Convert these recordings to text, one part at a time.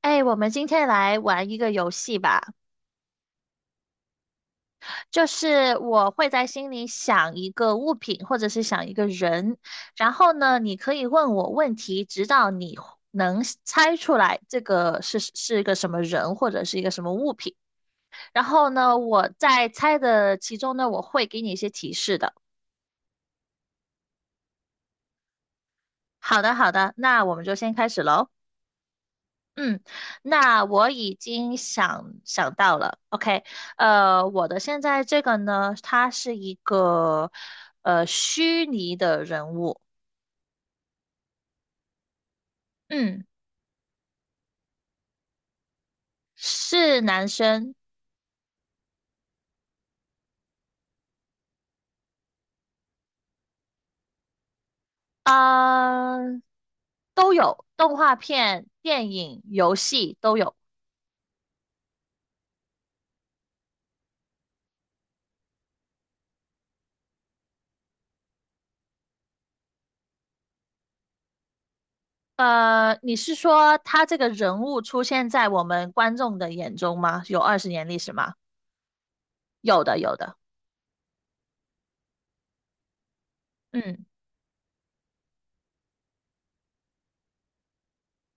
哎，我们今天来玩一个游戏吧，就是我会在心里想一个物品或者是想一个人，然后呢，你可以问我问题，直到你能猜出来这个是一个什么人或者是一个什么物品。然后呢，我在猜的其中呢，我会给你一些提示的。好的，好的，那我们就先开始喽。嗯，那我已经想到了，OK，我的现在这个呢，他是一个虚拟的人物，嗯，是男生，啊、都有，动画片、电影、游戏都有。你是说他这个人物出现在我们观众的眼中吗？有20年历史吗？有的，有的，嗯，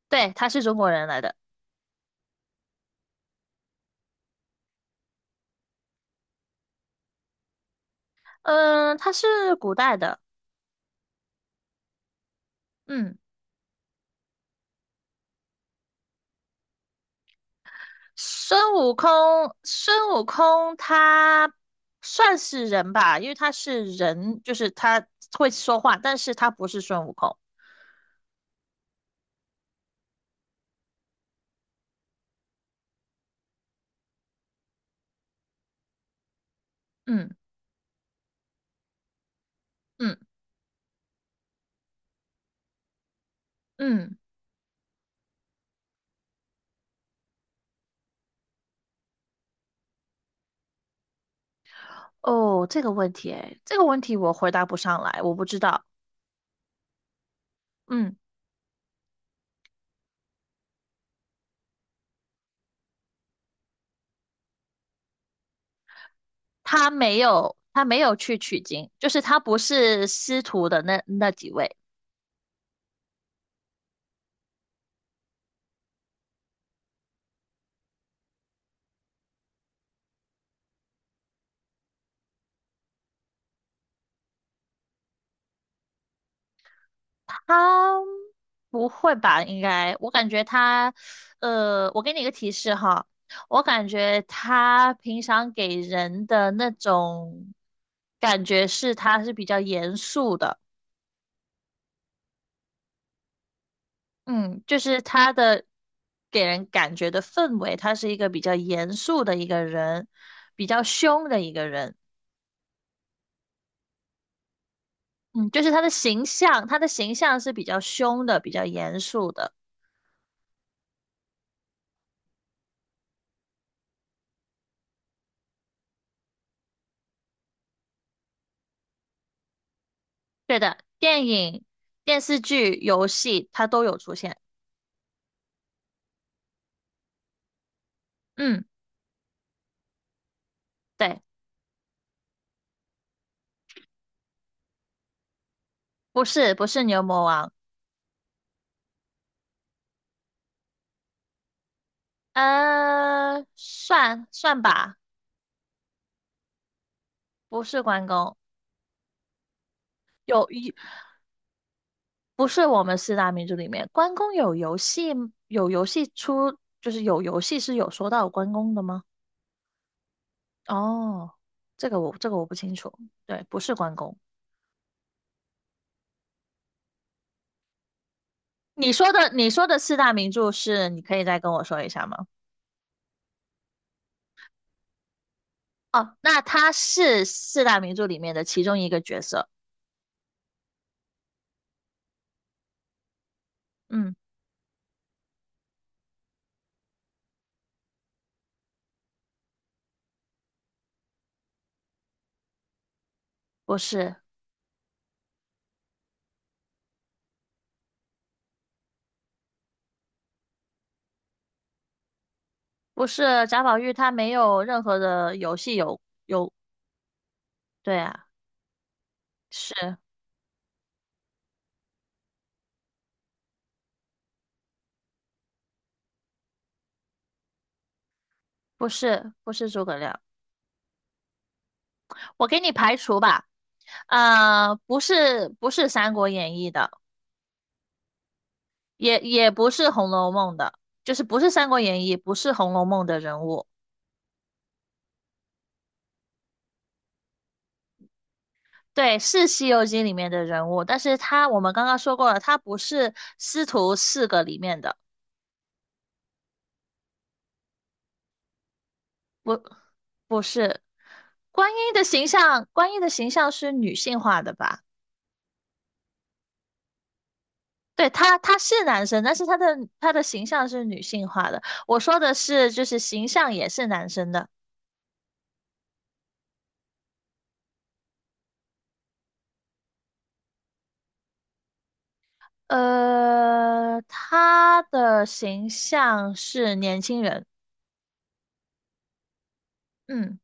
对，他是中国人来的，嗯、他是古代的。嗯。孙悟空，孙悟空他算是人吧，因为他是人，就是他会说话，但是他不是孙悟空。嗯嗯嗯，哦，这个问题，哎，这个问题我回答不上来，我不知道。嗯，他没有去取经，就是他不是师徒的那几位。他不会吧？应该，我感觉他，我给你一个提示哈，我感觉他平常给人的那种感觉是他是比较严肃的，嗯，就是他的给人感觉的氛围，他是一个比较严肃的一个人，比较凶的一个人，嗯，就是他的形象，他的形象是比较凶的，比较严肃的，对的，电影。电视剧、游戏，他都有出现。嗯，对，不是牛魔王，呃，算算吧，不是关公，有一不是我们四大名著里面，关公有游戏出，就是有游戏是有说到关公的吗？哦，这个我不清楚，对，不是关公。你说的四大名著是，你可以再跟我说一下吗？哦，那他是四大名著里面的其中一个角色，嗯，不是。不是贾宝玉，他没有任何的游戏有，对啊，是不是诸葛亮？我给你排除吧，不是《三国演义》的，也不是《红楼梦》的，就是不是《三国演义》，不是《红楼梦》的人物，对，是《西游记》里面的人物，但是他我们刚刚说过了，他不是师徒四个里面的，不不是。观音的形象，观音的形象是女性化的吧？对他是男生，但是他的形象是女性化的。我说的是，就是形象也是男生的。他的形象是年轻人，嗯，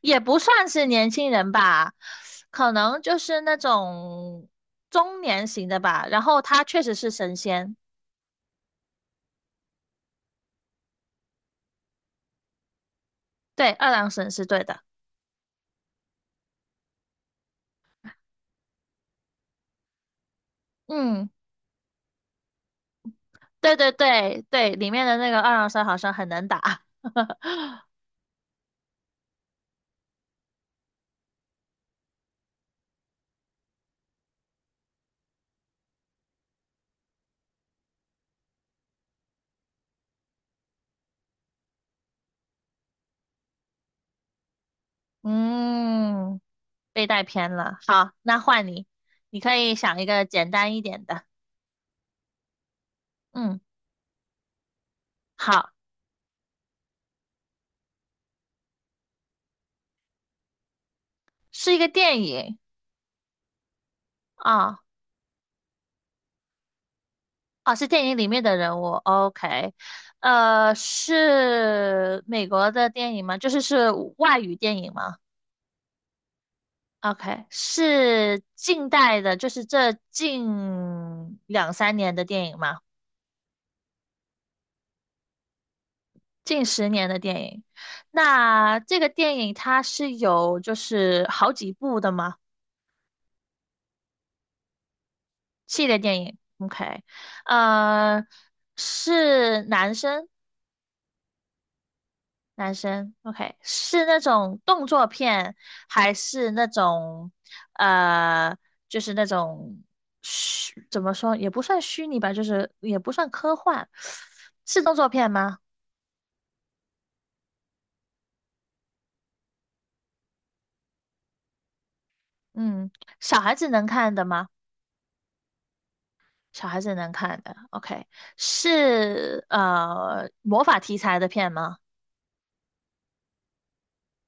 也不算是年轻人吧，可能就是那种中年型的吧。然后他确实是神仙，对，二郎神是对的。嗯，对对对对，里面的那个二郎神好像很能打。嗯。被带偏了。好，那换你，你可以想一个简单一点的。嗯，好，是一个电影啊，哦，是电影里面的人物。OK，是美国的电影吗？就是是外语电影吗？OK，是近代的，就是这近两三年的电影吗？近十年的电影。那这个电影它是有就是好几部的吗？系列电影，OK，呃，是男生，男生，OK，是那种动作片，还是那种呃，就是那种虚，怎么说，也不算虚拟吧，就是也不算科幻，是动作片吗？嗯，小孩子能看的吗？小孩子能看的，OK，是魔法题材的片吗？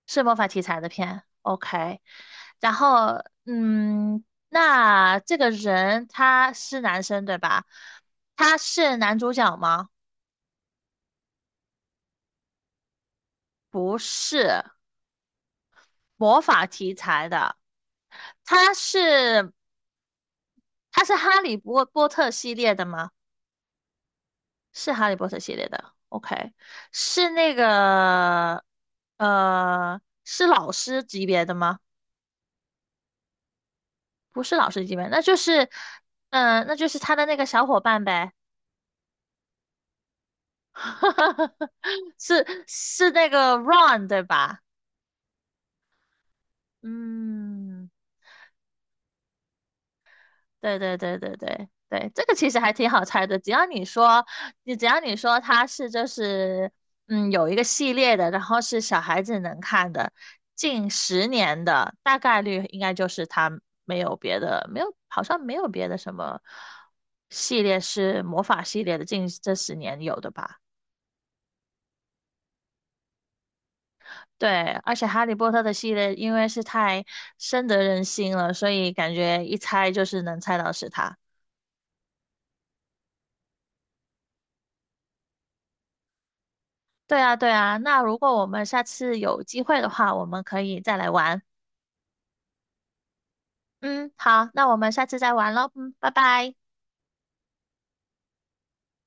是魔法题材的片，OK。然后，嗯，那这个人他是男生对吧？他是男主角吗？不是，魔法题材的。他是他是哈利波特系列的吗？是哈利波特系列的，OK。是那个是老师级别的吗？不是老师级别，那就是，嗯、那就是他的那个小伙伴呗。是那个 r u n 对吧？嗯，对对对对对对，这个其实还挺好猜的，只要你说，你只要你说它是就是有一个系列的，然后是小孩子能看的，近十年的，大概率应该就是它没有别的，没有好像没有别的什么系列是魔法系列的，近这10年有的吧。对，而且《哈利波特》的系列因为是太深得人心了，所以感觉一猜就是能猜到是他。对啊，对啊。那如果我们下次有机会的话，我们可以再来玩。嗯，好，那我们下次再玩喽。嗯，拜拜。